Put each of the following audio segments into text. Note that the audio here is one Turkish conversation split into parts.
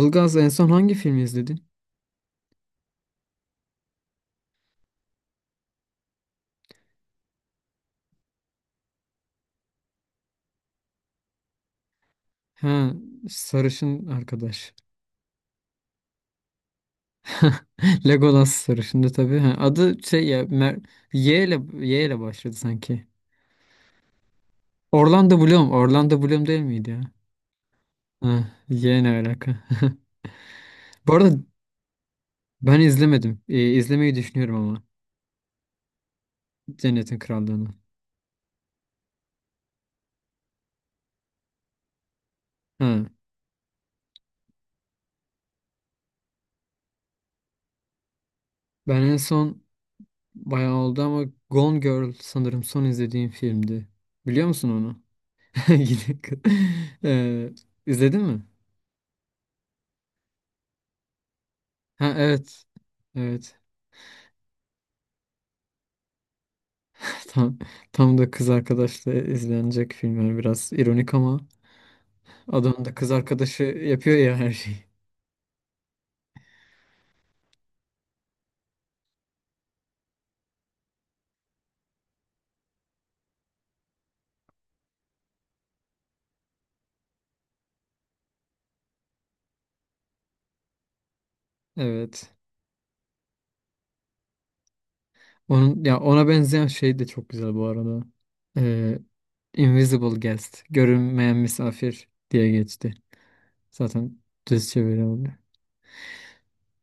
Ilgaz en son hangi filmi izledin? Ha, sarışın arkadaş. Legolas sarışındı tabii. Ha, adı şey ya Mer- Y ile Y ile başladı sanki. Orlando Bloom, Orlando Bloom değil miydi ya? Ha, Y ne alaka? Bu arada ben izlemedim. İzlemeyi düşünüyorum ama Cennetin Krallığı'nı. Ha, ben en son bayağı oldu ama Gone Girl sanırım son izlediğim filmdi. Biliyor musun onu? Gidip- Ee, izledin mi? Ha, evet. Evet. Tam, tam da kız arkadaşla izlenecek film. Yani biraz ironik ama adam da kız arkadaşı yapıyor ya her şeyi. Evet. Onun ya ona benzeyen şey de çok güzel bu arada. Ee, Invisible Guest, görünmeyen misafir diye geçti. Zaten düz çeviri oldu.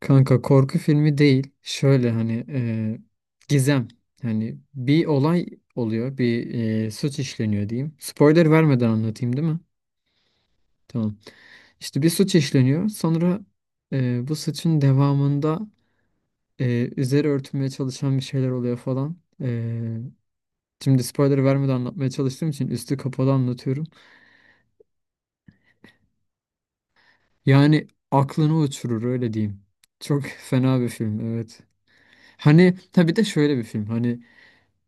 Kanka korku filmi değil. Şöyle hani gizem. Hani bir olay oluyor, bir suç işleniyor diyeyim. Spoiler vermeden anlatayım, değil mi? Tamam. İşte bir suç işleniyor. Sonra bu suçun devamında üzeri örtülmeye çalışan bir şeyler oluyor falan. E, Şimdi spoiler vermeden anlatmaya çalıştığım için üstü kapalı anlatıyorum. Yani aklını uçurur öyle diyeyim. Çok fena bir film, evet. Hani tabii de şöyle bir film. Hani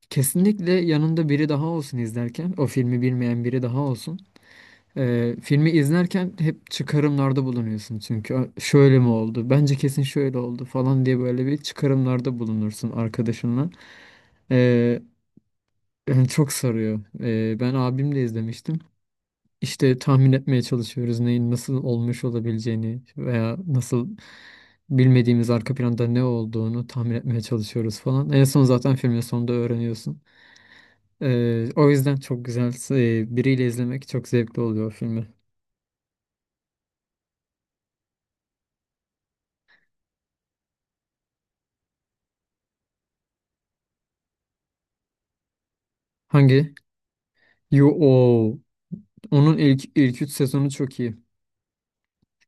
kesinlikle yanında biri daha olsun izlerken. O filmi bilmeyen biri daha olsun. Filmi izlerken hep çıkarımlarda bulunuyorsun, çünkü "Aa, şöyle mi oldu? Bence kesin şöyle oldu" falan diye böyle bir çıkarımlarda bulunursun arkadaşınla. Ee, Yani çok sarıyor. Ben abimle izlemiştim. İşte tahmin etmeye çalışıyoruz neyin nasıl olmuş olabileceğini veya nasıl bilmediğimiz arka planda ne olduğunu tahmin etmeye çalışıyoruz falan. En son zaten filmin sonunda öğreniyorsun. O yüzden çok güzel. Biriyle izlemek çok zevkli oluyor o filmi. Hangi? Yo, onun ilk 3 sezonu çok iyi.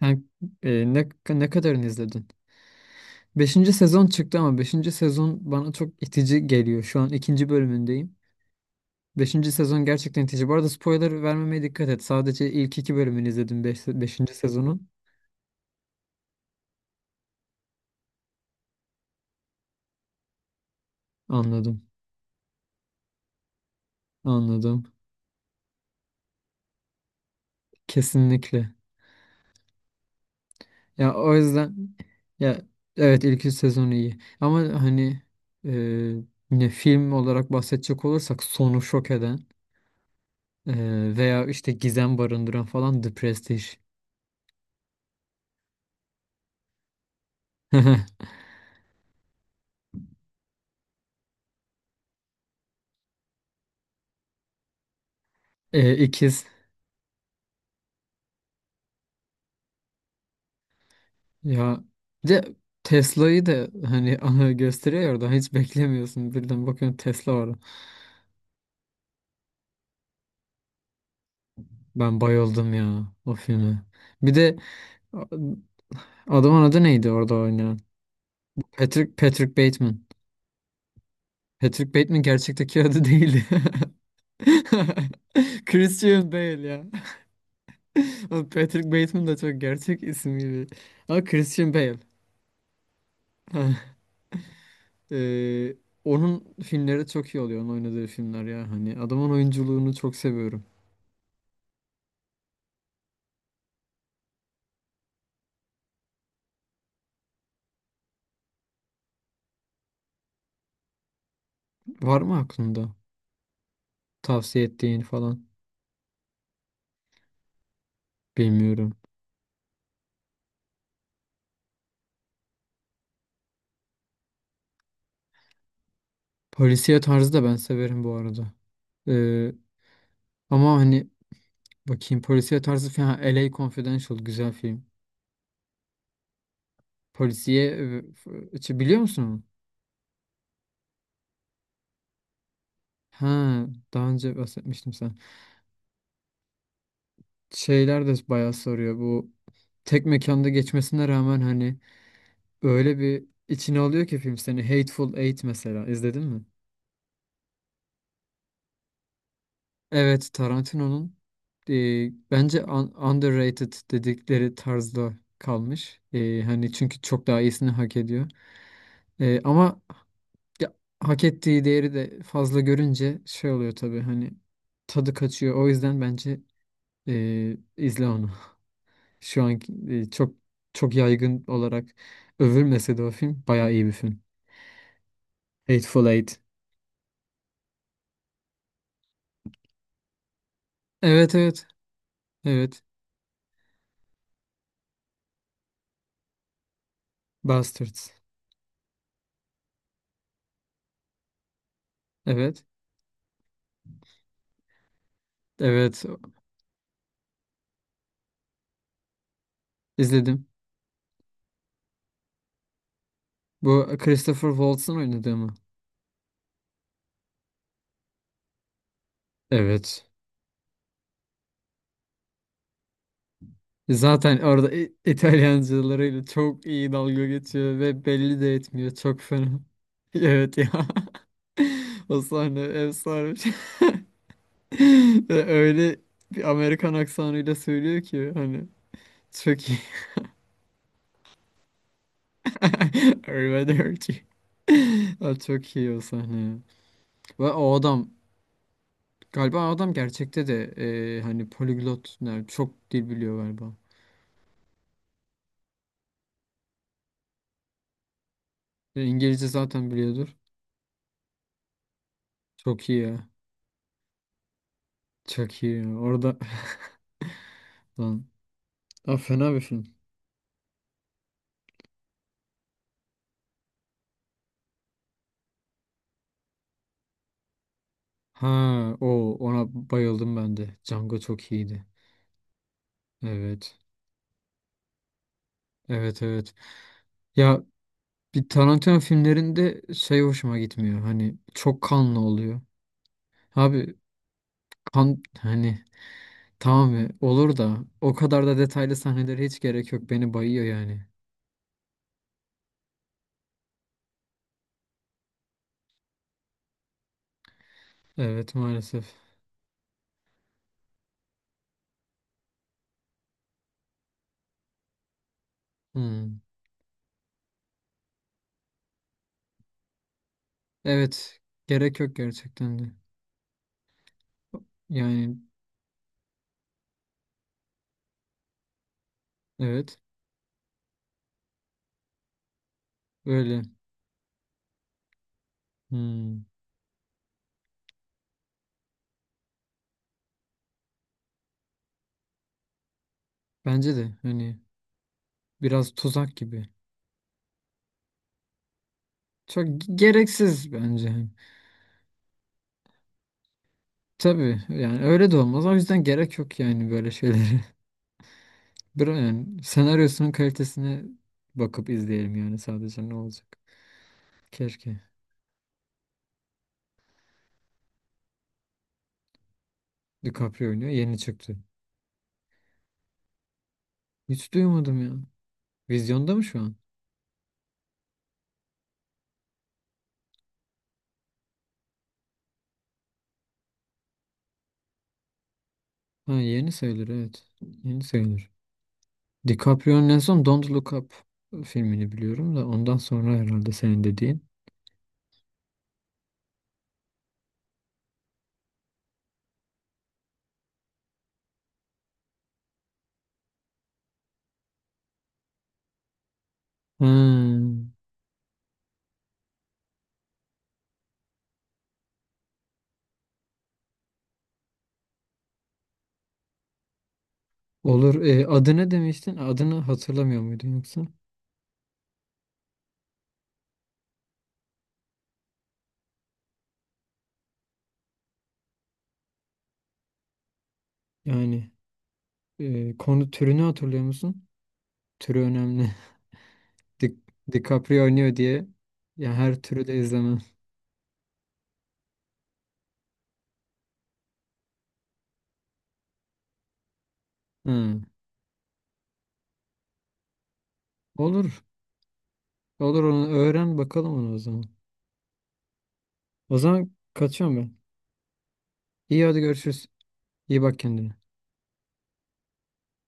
Yani, ne kadarını izledin? Beşinci sezon çıktı, ama beşinci sezon bana çok itici geliyor. Şu an ikinci bölümündeyim. Beşinci sezon gerçekten itici. Bu arada spoiler vermemeye dikkat et. Sadece ilk iki bölümünü izledim, beşinci sezonun. Anladım. Anladım. Kesinlikle. Ya o yüzden ya, evet, ilk 3 sezonu iyi. Ama hani e, ne film olarak bahsedecek olursak sonu şok eden, Ee, veya işte gizem barındıran falan, The Prestige. İkiz. Ya bir de Tesla'yı da hani gösteriyor ya, oradan hiç beklemiyorsun. Birden bakıyorsun Tesla var. Ben bayıldım ya o filme. Bir de a- adamın adı neydi orada oynayan? Patrick Bateman. Patrick Bateman gerçekteki adı değildi. Christian Bale ya. Oğlum Patrick Bateman da çok gerçek isim gibi. Ama Christian Bale. Ee, onun filmleri çok iyi oluyor. Onun oynadığı filmler ya. Hani adamın oyunculuğunu çok seviyorum. Var mı aklında? Tavsiye ettiğin falan. Bilmiyorum. Polisiye tarzı da ben severim bu arada. Ee, ama hani bakayım polisiye tarzı falan. Ha, LA Confidential güzel film. Polisiye f- içi biliyor musun onu? Ha, daha önce bahsetmiştim sen. Şeyler de bayağı soruyor. Bu tek mekanda geçmesine rağmen hani öyle bir içine alıyor ki film seni. Hateful Eight mesela izledin mi? Evet, Tarantino'nun bence un- underrated dedikleri tarzda kalmış. E, hani çünkü çok daha iyisini hak ediyor. Ama ya, hak ettiği değeri de fazla görünce şey oluyor tabii, hani tadı kaçıyor. O yüzden bence izle onu. Şu an çok çok yaygın olarak övülmese de o film bayağı iyi bir film. Hateful Eight. Evet, evet, evet. Bastards. Evet. Evet, izledim. Bu Christopher Waltz'ın oynadığı mı? Evet. Zaten orada İ- İtalyancılarıyla çok iyi dalga geçiyor ve belli de etmiyor. Çok fena. Evet ya. O sahne efsane bir şey. Ve öyle bir Amerikan aksanıyla söylüyor ki hani çok iyi. Arrivederci. Aa, çok iyi o sahne ya. Ve o adam galiba, o adam gerçekte de hani poliglot, yani çok dil biliyor galiba. E, İngilizce zaten biliyordu. Çok iyi ya. Çok iyi ya. Orada lan. Aa, fena bir film. Ha, o, ona bayıldım ben de. Django çok iyiydi. Evet. Evet, evet. Ya bir Tarantino filmlerinde şey hoşuma gitmiyor. Hani çok kanlı oluyor. Abi kan hani tamam ya, olur da o kadar da detaylı sahnelere hiç gerek yok. Beni bayıyor yani. Evet, maalesef. Hmm. Evet. Gerek yok gerçekten de. Yani evet. Öyle. Hmm. Bence de hani biraz tuzak gibi. Çok ge- gereksiz bence. Tabii yani öyle de olmaz. O yüzden gerek yok yani böyle şeylere. Bıra- yani senaryosunun kalitesine bakıp izleyelim yani sadece, ne olacak. Keşke. DiCaprio oynuyor. Yeni çıktı. Hiç duymadım ya. Vizyonda mı şu an? Ha, yeni sayılır, evet. Yeni sayılır. DiCaprio'nun en son Don't Look Up filmini biliyorum, da ondan sonra herhalde senin dediğin. Ha. Olur. E, adı ne demiştin? Adını hatırlamıyor muydun yoksa? Yani konu türünü hatırlıyor musun? Türü önemli. Di DiCaprio oynuyor diye ya her türü de izlemem. Ha. Olur. Olur, onu öğren bakalım onu o zaman. O zaman kaçıyorum ben. İyi, hadi görüşürüz. İyi bak kendine.